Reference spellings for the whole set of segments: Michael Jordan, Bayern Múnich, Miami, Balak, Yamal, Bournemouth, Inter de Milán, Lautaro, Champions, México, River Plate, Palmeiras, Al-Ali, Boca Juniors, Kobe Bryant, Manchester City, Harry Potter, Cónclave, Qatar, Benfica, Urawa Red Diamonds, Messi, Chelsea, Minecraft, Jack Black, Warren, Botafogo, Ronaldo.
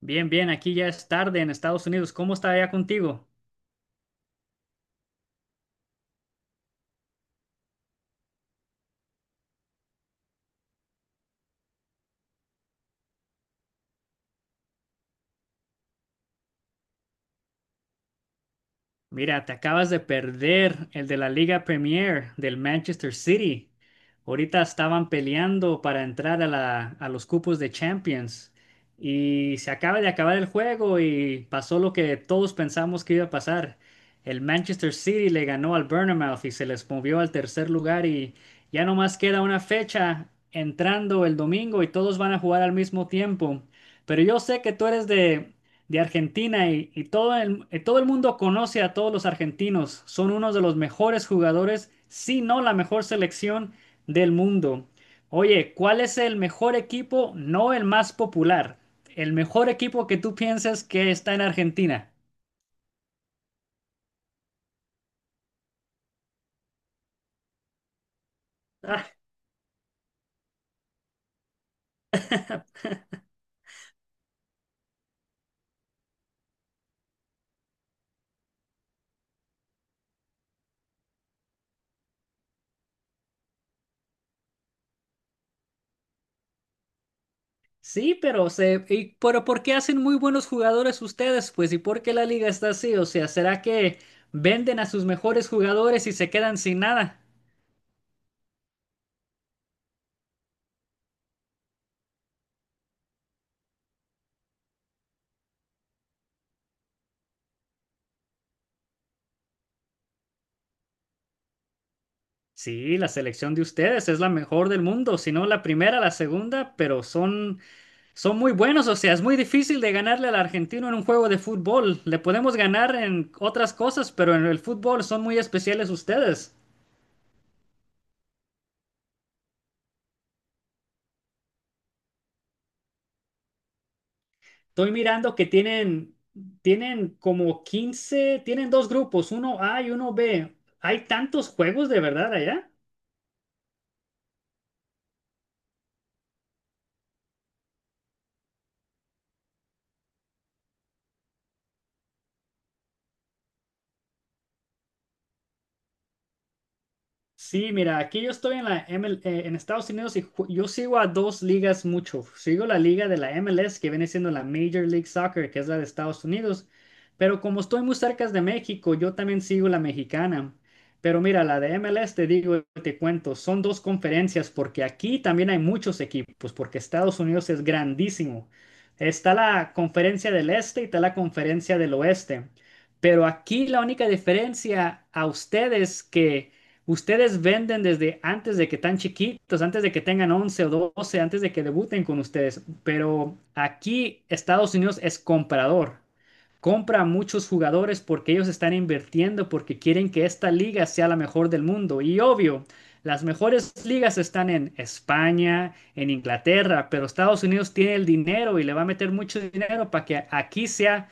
Bien, bien, aquí ya es tarde en Estados Unidos. ¿Cómo está allá contigo? Mira, te acabas de perder el de la Liga Premier del Manchester City. Ahorita estaban peleando para entrar a los cupos de Champions y se acaba de acabar el juego y pasó lo que todos pensamos que iba a pasar. El Manchester City le ganó al Bournemouth y se les movió al tercer lugar y ya nomás queda una fecha entrando el domingo y todos van a jugar al mismo tiempo. Pero yo sé que tú eres de Argentina y todo el mundo conoce a todos los argentinos. Son unos de los mejores jugadores, si no la mejor selección del mundo. Oye, ¿cuál es el mejor equipo? No el más popular. El mejor equipo que tú piensas que está en Argentina. Sí, pero ¿por qué hacen muy buenos jugadores ustedes? Pues, ¿y por qué la liga está así? O sea, ¿será que venden a sus mejores jugadores y se quedan sin nada? Sí, la selección de ustedes es la mejor del mundo, si no la primera, la segunda, pero son muy buenos, o sea, es muy difícil de ganarle al argentino en un juego de fútbol. Le podemos ganar en otras cosas, pero en el fútbol son muy especiales ustedes. Estoy mirando que tienen como 15, tienen dos grupos, uno A y uno B. ¿Hay tantos juegos de verdad allá? Sí, mira, aquí yo estoy en la ML en Estados Unidos y yo sigo a dos ligas mucho. Sigo la liga de la MLS, que viene siendo la Major League Soccer, que es la de Estados Unidos. Pero como estoy muy cerca de México, yo también sigo la mexicana. Pero mira, la de MLS te digo, y te cuento, son dos conferencias porque aquí también hay muchos equipos, porque Estados Unidos es grandísimo. Está la conferencia del este y está la conferencia del oeste. Pero aquí la única diferencia a ustedes que Ustedes venden desde antes de que tan chiquitos, antes de que tengan 11 o 12, antes de que debuten con ustedes. Pero aquí Estados Unidos es comprador. Compra a muchos jugadores porque ellos están invirtiendo, porque quieren que esta liga sea la mejor del mundo. Y obvio, las mejores ligas están en España, en Inglaterra, pero Estados Unidos tiene el dinero y le va a meter mucho dinero para que aquí sea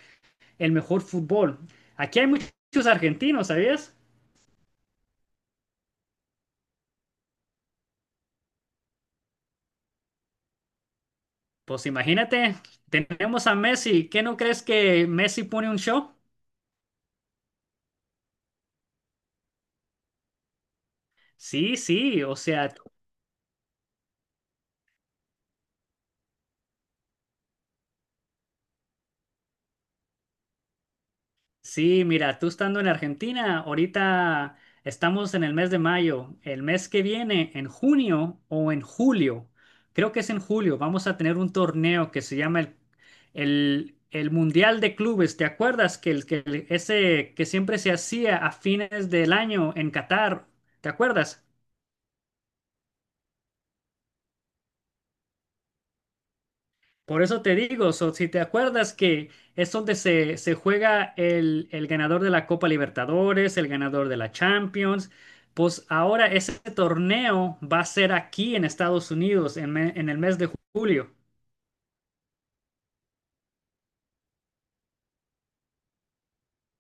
el mejor fútbol. Aquí hay muchos argentinos, ¿sabías? Pues imagínate, tenemos a Messi. ¿Qué no crees que Messi pone un show? Sí, sí, o sea, sí, mira, tú estando en Argentina, ahorita estamos en el mes de mayo. El mes que viene, en junio o en julio, creo que es en julio, vamos a tener un torneo que se llama el Mundial de Clubes. ¿Te acuerdas que, ese que siempre se hacía a fines del año en Qatar? ¿Te acuerdas? Por eso te digo, so, si te acuerdas que es donde se juega el ganador de la Copa Libertadores, el ganador de la Champions, pues ahora ese torneo va a ser aquí en Estados Unidos en el mes de julio.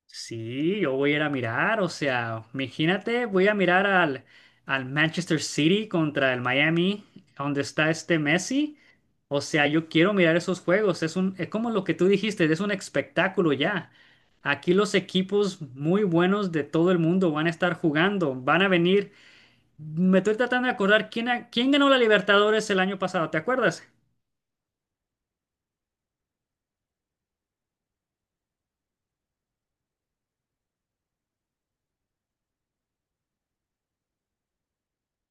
Sí, yo voy a ir a mirar, o sea, imagínate, voy a mirar al Manchester City contra el Miami, donde está este Messi. O sea, yo quiero mirar esos juegos, es como lo que tú dijiste, es un espectáculo ya. Aquí los equipos muy buenos de todo el mundo van a estar jugando, van a venir. Me estoy tratando de acordar quién, quién ganó la Libertadores el año pasado, ¿te acuerdas?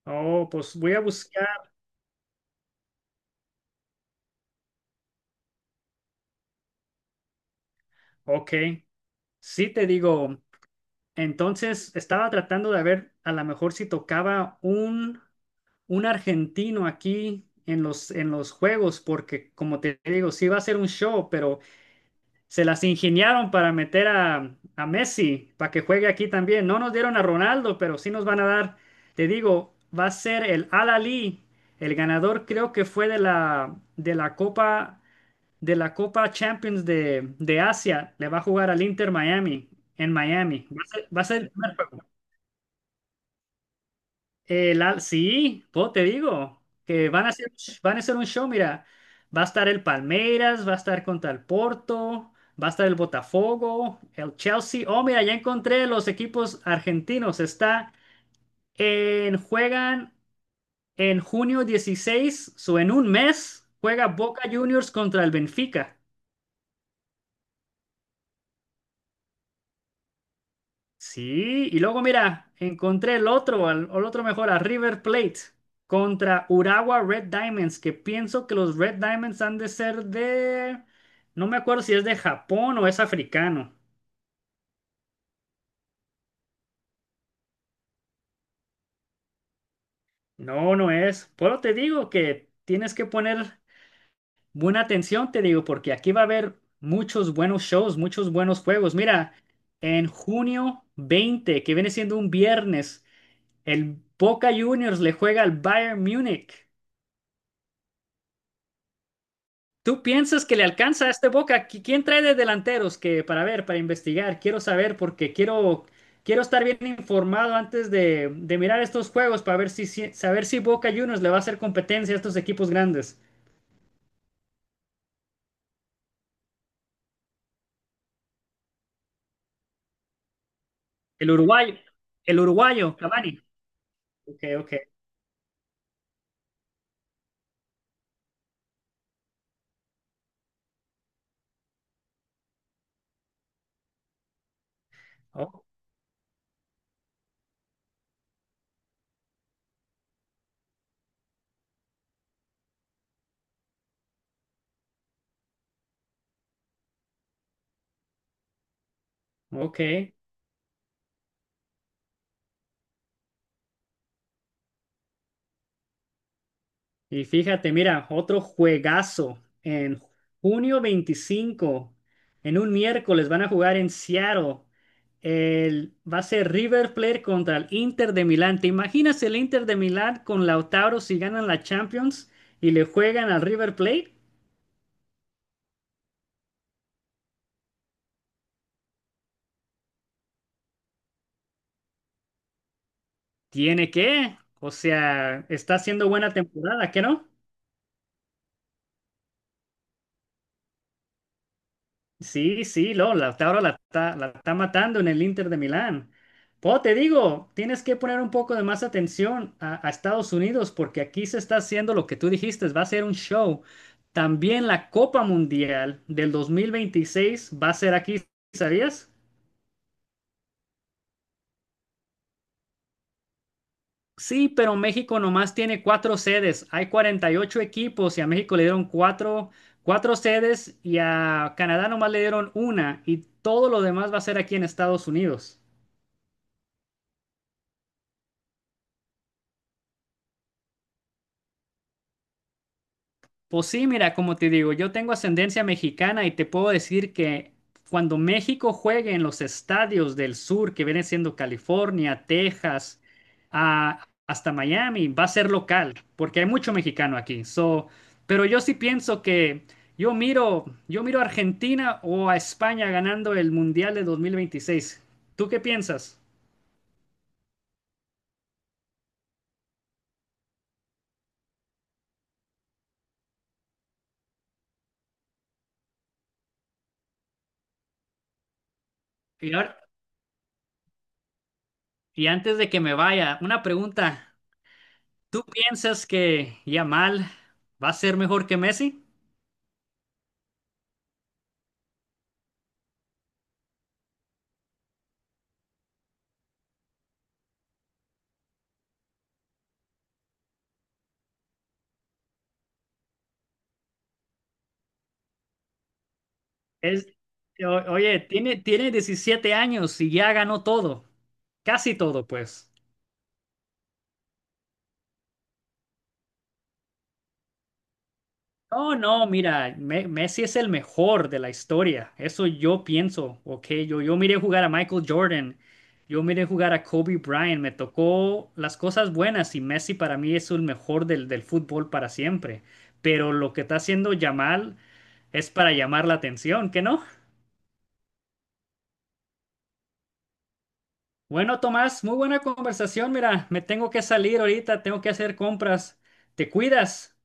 Oh, pues voy a buscar. Ok. Sí, te digo, entonces estaba tratando de ver a lo mejor si tocaba un argentino aquí en en los juegos, porque como te digo, sí va a ser un show, pero se las ingeniaron para meter a Messi para que juegue aquí también. No nos dieron a Ronaldo, pero sí nos van a dar, te digo, va a ser el Al-Ali, el ganador creo que fue de la Copa Champions de Asia, le va a jugar al Inter Miami, en Miami. Va a ser el primer juego. Sí, po, te digo, que van a hacer un show, mira, va a estar el Palmeiras, va a estar contra el Porto, va a estar el Botafogo, el Chelsea. Oh, mira, ya encontré los equipos argentinos. Juegan en junio 16, o en un mes, juega Boca Juniors contra el Benfica. Sí, y luego mira, encontré el otro, otro mejor, a River Plate contra Urawa Red Diamonds, que pienso que los Red Diamonds han de ser de... No me acuerdo si es de Japón o es africano. No, no es. Pero te digo que tienes que poner buena atención, te digo, porque aquí va a haber muchos buenos shows, muchos buenos juegos. Mira, en junio 20, que viene siendo un viernes, el Boca Juniors le juega al Bayern Múnich. ¿Tú piensas que le alcanza a este Boca? Quién trae de delanteros que para ver, para investigar? Quiero saber porque quiero estar bien informado antes de mirar estos juegos para ver si, saber si Boca Juniors le va a hacer competencia a estos equipos grandes. El uruguayo, el uruguayo, Cavani. Ok, ok. Oh, ok. Y fíjate, mira, otro juegazo en junio 25, en un miércoles van a jugar en Seattle. Va a ser River Plate contra el Inter de Milán. ¿Te imaginas el Inter de Milán con Lautaro si ganan la Champions y le juegan al River Plate? Tiene que, o sea, está haciendo buena temporada, ¿qué no? Sí, sí, ahora la está matando en el Inter de Milán. Po, te digo, tienes que poner un poco de más atención a Estados Unidos porque aquí se está haciendo lo que tú dijiste, va a ser un show. También la Copa Mundial del 2026 va a ser aquí, ¿sabías? Sí, pero México nomás tiene cuatro sedes. Hay 48 equipos y a México le dieron cuatro sedes y a Canadá nomás le dieron una y todo lo demás va a ser aquí en Estados Unidos. Pues sí, mira, como te digo, yo tengo ascendencia mexicana y te puedo decir que cuando México juegue en los estadios del sur, que vienen siendo California, Texas, hasta Miami, va a ser local, porque hay mucho mexicano aquí. So, pero yo sí pienso que yo miro a Argentina o a España ganando el Mundial de 2026. ¿Tú qué piensas? Y, ahora- y antes de que me vaya, una pregunta. ¿Tú piensas que Yamal va a ser mejor que Messi? Es, oye, tiene 17 años y ya ganó todo. Casi todo, pues. No, no, mira, Messi es el mejor de la historia. Eso yo pienso, ¿ok? Yo miré jugar a Michael Jordan, yo miré jugar a Kobe Bryant, me tocó las cosas buenas y Messi para mí es el mejor del fútbol para siempre. Pero lo que está haciendo Yamal es para llamar la atención, ¿que no? Bueno, Tomás, muy buena conversación. Mira, me tengo que salir ahorita, tengo que hacer compras. ¿Te cuidas?